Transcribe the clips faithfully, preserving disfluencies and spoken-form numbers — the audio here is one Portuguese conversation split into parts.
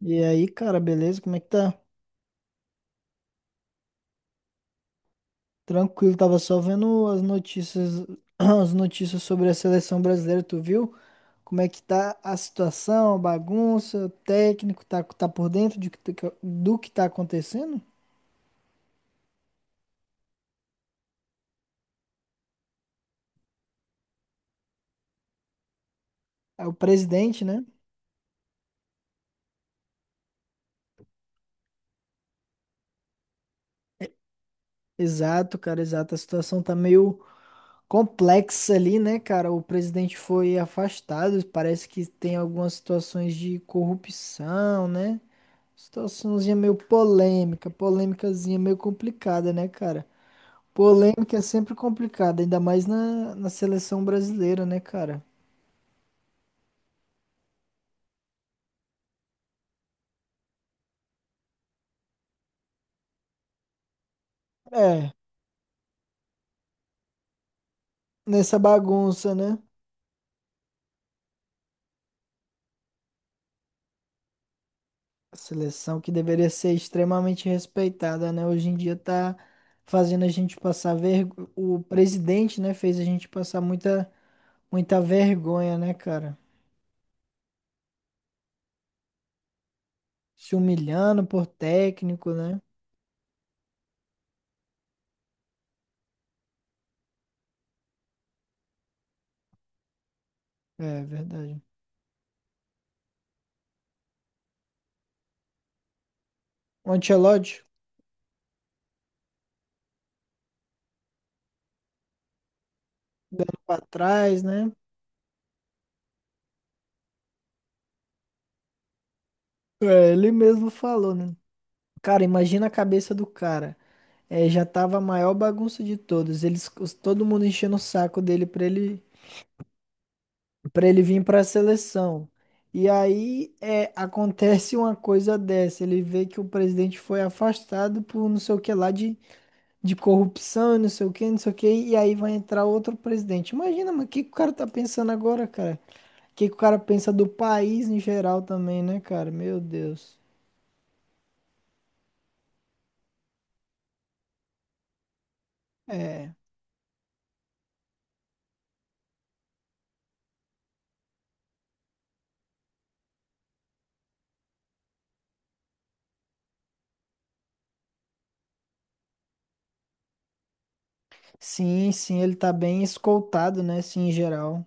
E aí, cara, beleza? Como é que tá? Tranquilo, tava só vendo as notícias, as notícias sobre a seleção brasileira, tu viu? Como é que tá a situação, a bagunça, o técnico tá, tá por dentro de, que- do que tá acontecendo? É o presidente, né? Exato, cara, exato. A situação tá meio complexa ali, né, cara? O presidente foi afastado, parece que tem algumas situações de corrupção, né? Situaçãozinha meio polêmica, polêmicazinha meio complicada, né, cara? Polêmica é sempre complicada, ainda mais na, na seleção brasileira, né, cara? É, nessa bagunça, né? A seleção que deveria ser extremamente respeitada, né? Hoje em dia tá fazendo a gente passar vergonha. O presidente, né, fez a gente passar muita, muita vergonha, né, cara? Se humilhando por técnico, né? É verdade. O Ancelotti pra trás, né? É, ele mesmo falou, né? Cara, imagina a cabeça do cara. É, já tava a maior bagunça de todos. Eles, os- todo mundo enchendo o saco dele pra ele, para ele vir pra seleção. E aí é, acontece uma coisa dessa. Ele vê que o presidente foi afastado por não sei o que lá de, de corrupção, e não sei o que, não sei o que. E aí vai entrar outro presidente. Imagina, mas o que que o cara tá pensando agora, cara? O que que o cara pensa do país em geral também, né, cara? Meu Deus. É. Sim, sim, ele tá bem escoltado, né? Sim, em geral.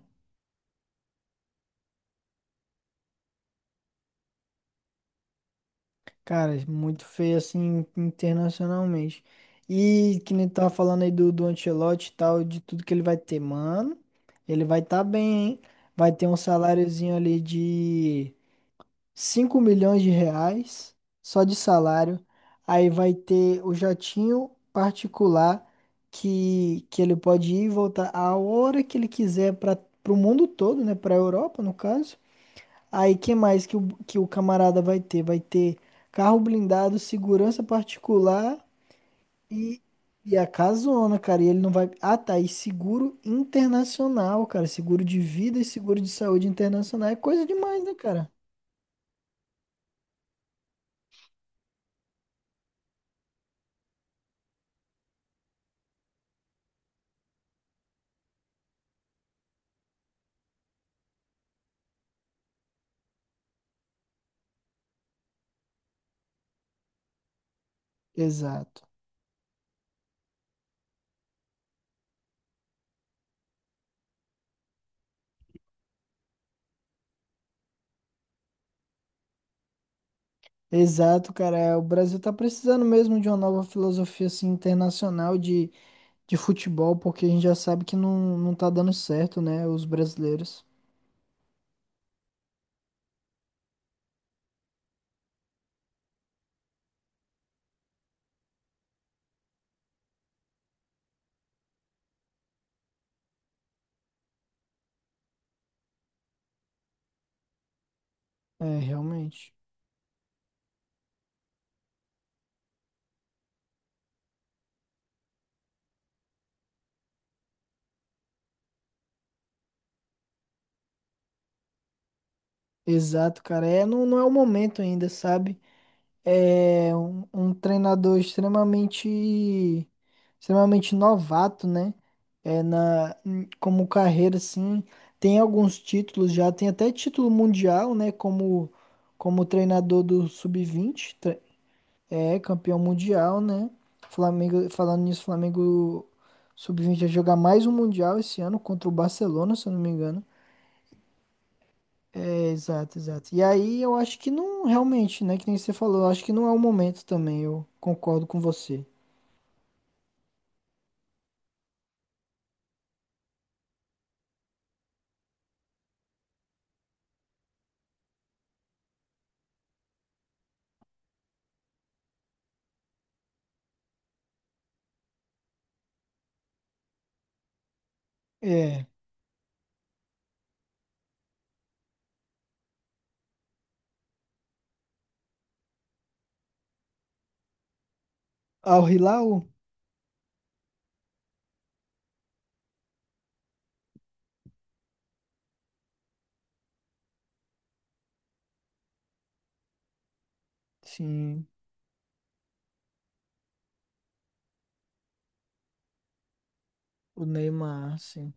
Cara, muito feio assim internacionalmente. E que nem tu tava falando aí do, do Ancelotti e tal, de tudo que ele vai ter, mano. Ele vai tá bem, hein? Vai ter um saláriozinho ali de cinco milhões de reais, só de salário. Aí vai ter o jatinho particular que, que ele pode ir e voltar a hora que ele quiser para o mundo todo, né? Pra Europa, no caso. Aí, que mais que o, que o camarada vai ter? Vai ter carro blindado, segurança particular e, e a casona, cara. E ele não vai. Ah, tá. E seguro internacional, cara. Seguro de vida e seguro de saúde internacional. É coisa demais, né, cara? Exato. Exato, cara. É, o Brasil tá precisando mesmo de uma nova filosofia assim, internacional de, de futebol, porque a gente já sabe que não, não tá dando certo, né? Os brasileiros. É, realmente. Exato, cara. É, não, não é o momento ainda, sabe? É um, um treinador extremamente extremamente novato, né? É na em- como carreira assim, tem alguns títulos já, tem até título mundial, né, como como treinador do sub vinte tre- é campeão mundial, né? Flamengo, falando nisso, Flamengo sub vinte vai jogar mais um mundial esse ano contra o Barcelona, se eu não me engano. É, exato, exato. E aí eu acho que não, realmente, né? Que nem você falou, eu acho que não é o momento também, eu concordo com você. É. Al Hilal? Sim. O Neymar, sim.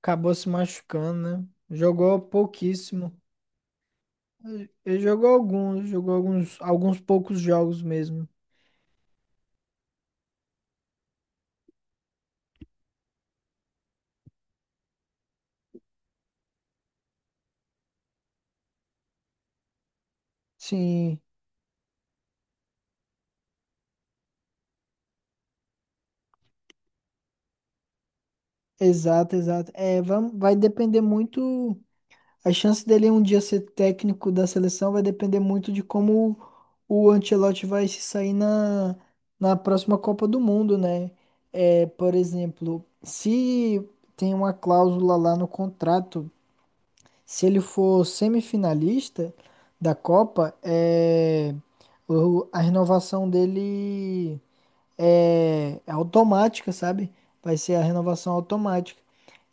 Acabou se machucando, né? Jogou pouquíssimo. Ele jogou alguns, jogou alguns, alguns poucos jogos mesmo. Sim, exato, exato. É, vai, vai depender muito. A chance dele um dia ser técnico da seleção vai depender muito de como o, o Ancelotti vai se sair na, na próxima Copa do Mundo, né? É, por exemplo, se tem uma cláusula lá no contrato, se ele for semifinalista da Copa, é, o- a renovação dele é, é automática, sabe? Vai ser a renovação automática.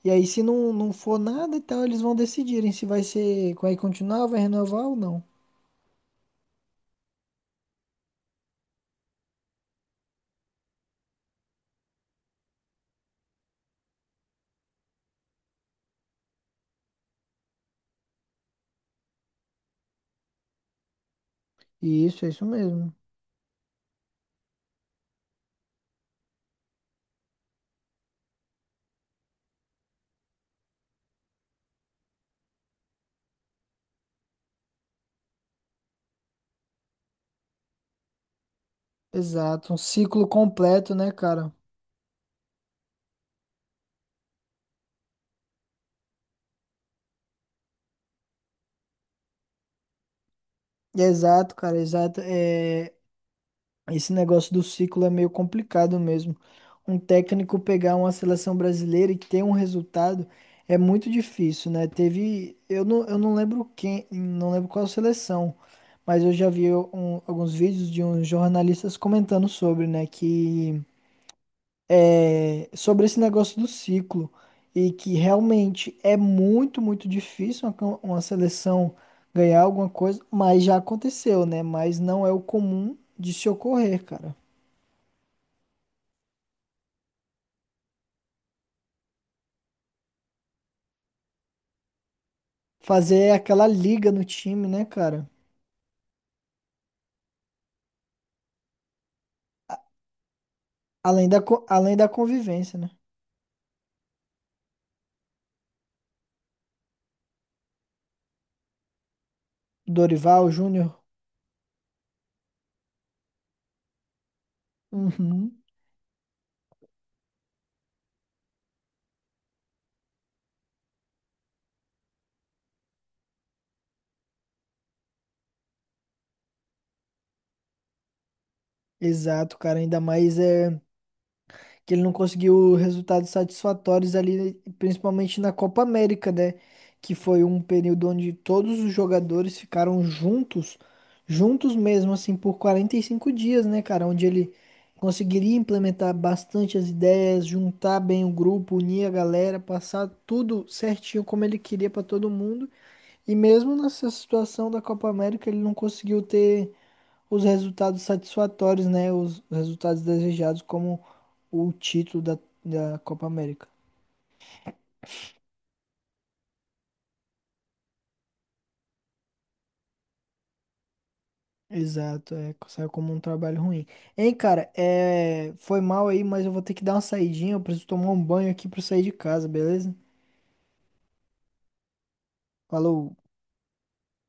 E aí, se não, não for nada e tal, eles vão decidirem se vai ser, vai continuar, vai renovar ou não. E isso, é isso mesmo. Exato, um ciclo completo, né, cara? Exato, cara, exato. É, esse negócio do ciclo é meio complicado mesmo. Um técnico pegar uma seleção brasileira e ter um resultado é muito difícil, né? Teve, eu não, eu não lembro quem, não lembro qual seleção, mas eu já vi um- alguns vídeos de uns jornalistas comentando sobre, né, que é, sobre esse negócio do ciclo e que realmente é muito, muito difícil uma, cam- uma seleção ganhar alguma coisa, mas já aconteceu, né? Mas não é o comum de se ocorrer, cara. Fazer aquela liga no time, né, cara? Além da, co- além da convivência, né? Dorival Júnior. Uhum. Exato, cara. Ainda mais é que ele não conseguiu resultados satisfatórios ali, principalmente na Copa América, né? Que foi um período onde todos os jogadores ficaram juntos, juntos mesmo, assim, por quarenta e cinco dias, né, cara? Onde ele conseguiria implementar bastante as ideias, juntar bem o grupo, unir a galera, passar tudo certinho como ele queria pra todo mundo. E mesmo nessa situação da Copa América, ele não conseguiu ter os resultados satisfatórios, né? Os resultados desejados, como o título da, da Copa América. Exato, é, saiu como um trabalho ruim. Hein, cara, é, foi mal aí, mas eu vou ter que dar uma saidinha. Eu preciso tomar um banho aqui pra sair de casa, beleza? Falou.